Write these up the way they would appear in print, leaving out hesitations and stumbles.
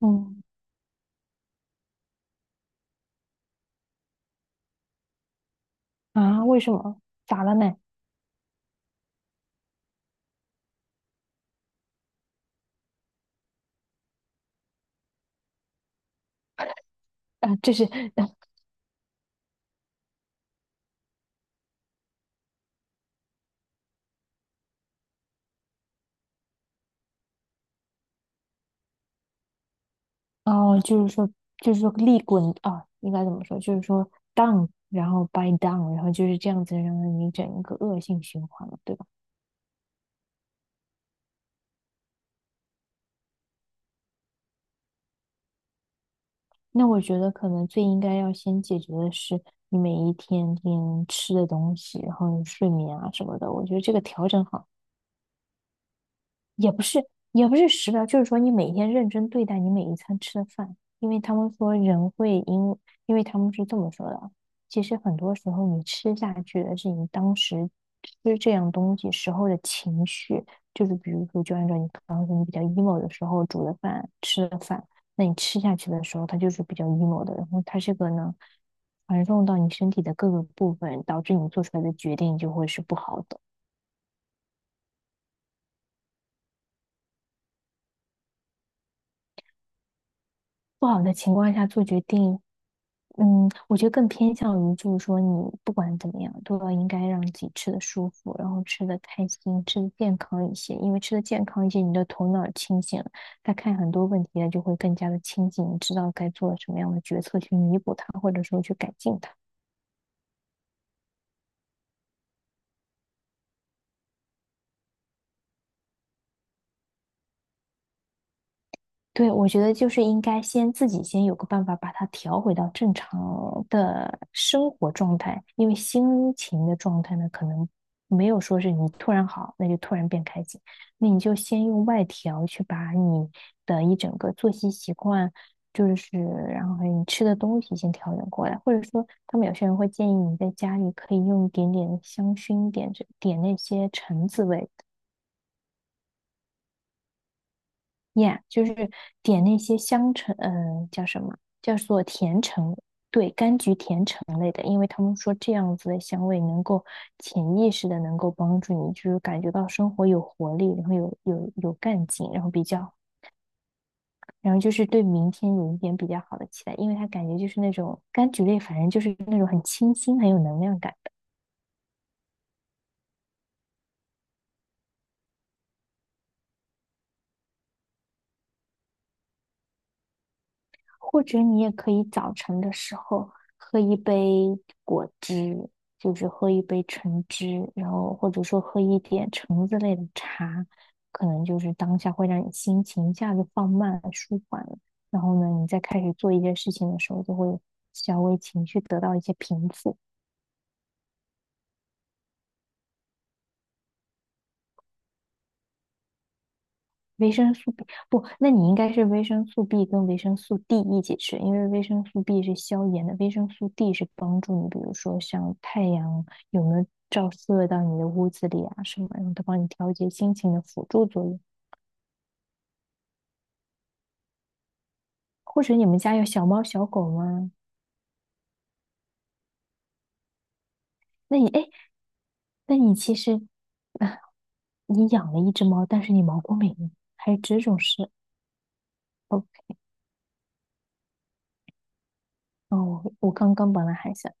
嗯啊，为什么？咋了呢？啊，这是 哦，就是说,利滚啊，应该怎么说？就是说 down，然后 by down，然后就是这样子，让你整一个恶性循环了，对吧？那我觉得可能最应该要先解决的是你每一天吃的东西，然后你睡眠啊什么的，我觉得这个调整好。也不是，也不是食疗，就是说你每天认真对待你每一餐吃的饭，因为他们是这么说的啊其实很多时候你吃下去的是你当时吃这样东西时候的情绪，就是比如说，就按照你刚刚说你比较 emo 的时候煮的饭吃的饭，那你吃下去的时候它就是比较 emo 的，然后它这个呢传送到你身体的各个部分，导致你做出来的决定就会是不好的。不好的情况下做决定，嗯，我觉得更偏向于就是说，你不管怎么样，都要应该让自己吃的舒服，然后吃的开心，吃的健康一些。因为吃的健康一些，你的头脑清醒了，他看很多问题呢就会更加的清醒，你知道该做什么样的决策去弥补它，或者说去改进它。对，我觉得就是应该先自己先有个办法把它调回到正常的生活状态，因为心情的状态呢，可能没有说是你突然好，那就突然变开心，那你就先用外调去把你的一整个作息习惯，就是然后还有你吃的东西先调整过来，或者说他们有些人会建议你在家里可以用一点点香薰，点着点那些橙子味。Yeah,就是点那些香橙，叫什么？叫做甜橙，对，柑橘甜橙类的，因为他们说这样子的香味能够潜意识的能够帮助你，就是感觉到生活有活力，然后有干劲，然后比较，然后就是对明天有一点比较好的期待，因为它感觉就是那种柑橘类，反正就是那种很清新，很有能量感。或者你也可以早晨的时候喝一杯果汁，就是喝一杯橙汁，然后或者说喝一点橙子类的茶，可能就是当下会让你心情一下子放慢舒缓了。然后呢，你再开始做一件事情的时候，就会稍微情绪得到一些平复。维生素 B 不，那你应该是维生素 B 跟维生素 D 一起吃，因为维生素 B 是消炎的，维生素 D 是帮助你，比如说像太阳有没有照射到你的屋子里啊什么，然后它帮你调节心情的辅助作用。或者你们家有小猫小狗吗？那你哎，那你其实啊，你养了一只猫，但是你毛过敏，还有这种事？哦哦,我刚刚本来还想。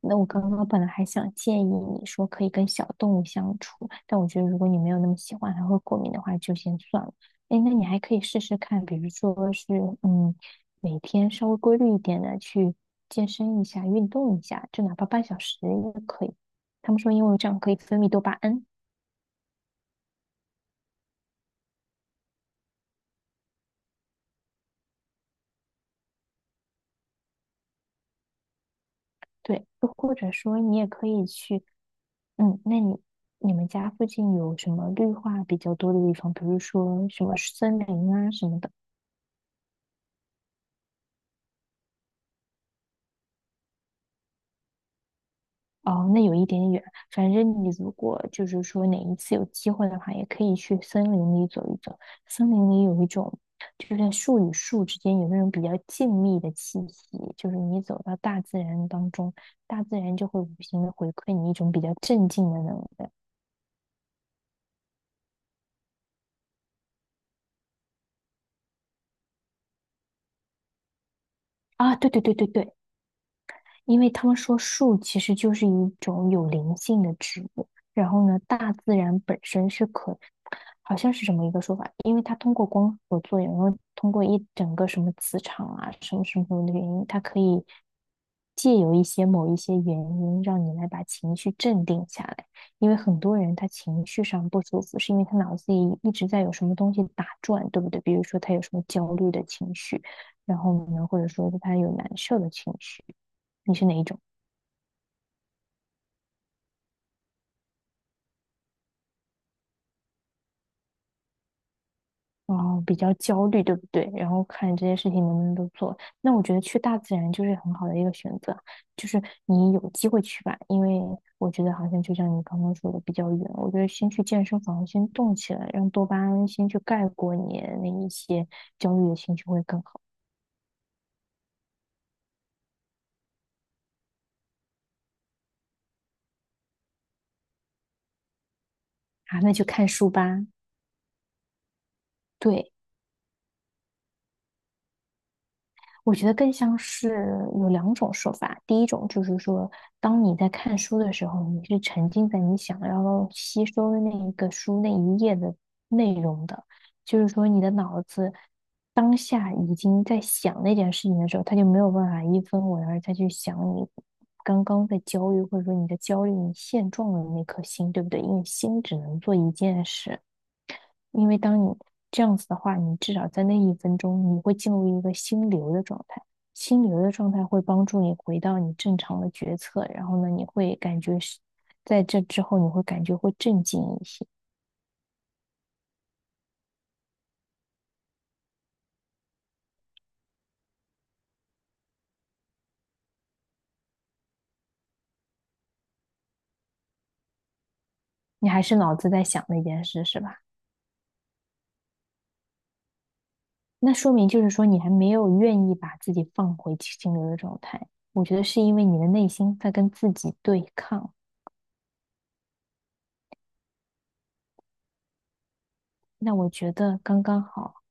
那我刚刚本来还想建议你说可以跟小动物相处，但我觉得如果你没有那么喜欢它会过敏的话，就先算了。哎，那你还可以试试看，比如说嗯，每天稍微规律一点的去健身一下、运动一下，就哪怕半小时也可以。他们说因为这样可以分泌多巴胺，对，又或者说你也可以去，嗯，那你你们家附近有什么绿化比较多的地方，比如说什么森林啊什么的。哦，那有一点点远。反正你如果就是说哪一次有机会的话，也可以去森林里走一走。森林里有一种，就是在树与树之间有那种比较静谧的气息，就是你走到大自然当中，大自然就会无形的回馈你一种比较镇静的能量。啊，对，因为他们说树其实就是一种有灵性的植物，然后呢，大自然本身是可，好像是什么一个说法，因为它通过光合作用，然后通过一整个什么磁场啊，什么的原因，它可以借由一些某一些原因，让你来把情绪镇定下来。因为很多人他情绪上不舒服，是因为他脑子里一直在有什么东西打转，对不对？比如说他有什么焦虑的情绪，然后呢，或者说他有难受的情绪。你是哪一种？哦，比较焦虑，对不对？然后看这些事情能不能都做。那我觉得去大自然就是很好的一个选择，就是你有机会去吧，因为我觉得好像就像你刚刚说的比较远，我觉得先去健身房先动起来，让多巴胺先去盖过你那一些焦虑的情绪会更好。啊，那就看书吧。对。我觉得更像是有两种说法，第一种就是说，当你在看书的时候，你是沉浸在你想要吸收的那一个书那一页的内容的，就是说你的脑子当下已经在想那件事情的时候，他就没有办法一分为二再去想你刚刚在焦虑，或者说你在焦虑、你现状的那颗心，对不对？因为心只能做一件事，因为当你这样子的话，你至少在那一分钟，你会进入一个心流的状态。心流的状态会帮助你回到你正常的决策，然后呢，你会感觉是在这之后，你会感觉会镇静一些。你还是脑子在想那件事，是吧？那说明就是说你还没有愿意把自己放回心流的状态。我觉得是因为你的内心在跟自己对抗。那我觉得刚刚好。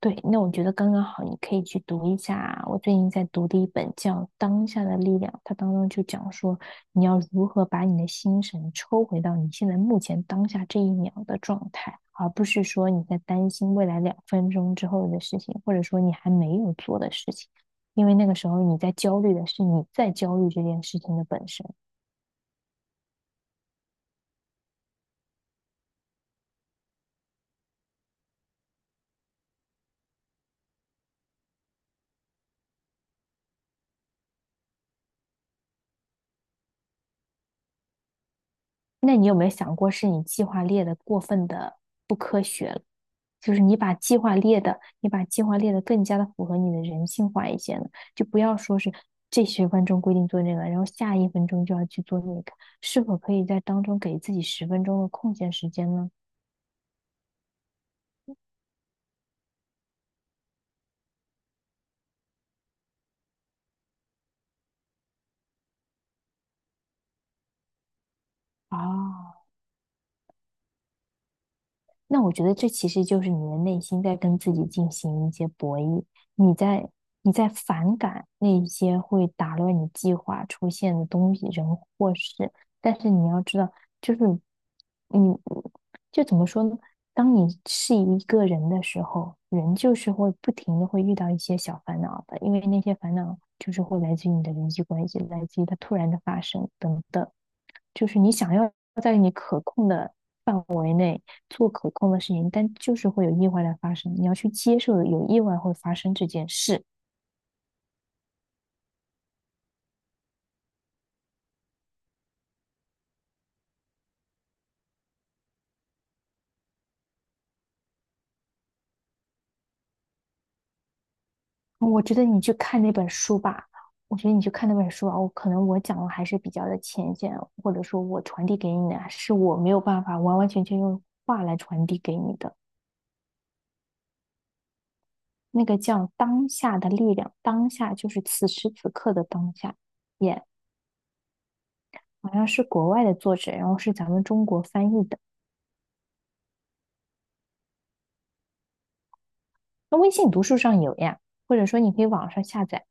对，那我觉得刚刚好，你可以去读一下啊。我最近在读的一本叫《当下的力量》，它当中就讲说，你要如何把你的心神抽回到你现在目前当下这一秒的状态，而不是说你在担心未来2分钟之后的事情，或者说你还没有做的事情，因为那个时候你在焦虑的是你在焦虑这件事情的本身。那你有没有想过，是你计划列的过分的不科学了？你把计划列的更加的符合你的人性化一些呢？就不要说是这十分钟规定做那个，然后下一分钟就要去做那个，是否可以在当中给自己十分钟的空闲时间呢？啊。那我觉得这其实就是你的内心在跟自己进行一些博弈，你在你在反感那些会打乱你计划出现的东西、人或事，但是你要知道，就是你就怎么说呢？当你是一个人的时候，人就是会不停的会遇到一些小烦恼的，因为那些烦恼就是会来自于你的人际关系，来自于它突然的发生等等。就是你想要在你可控的范围内做可控的事情，但就是会有意外的发生，你要去接受有意外会发生这件事。嗯我觉得你去看那本书吧，我觉得你去看那本书啊，我可能我讲的还是比较的浅显，或者说我传递给你的是我没有办法完完全全用话来传递给你的。那个叫当下的力量，当下就是此时此刻的当下，也 yeah, 好像是国外的作者，然后是咱们中国翻译的。那微信读书上有呀，或者说你可以网上下载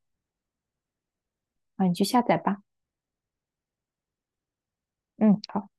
啊，你去下载吧。嗯，好。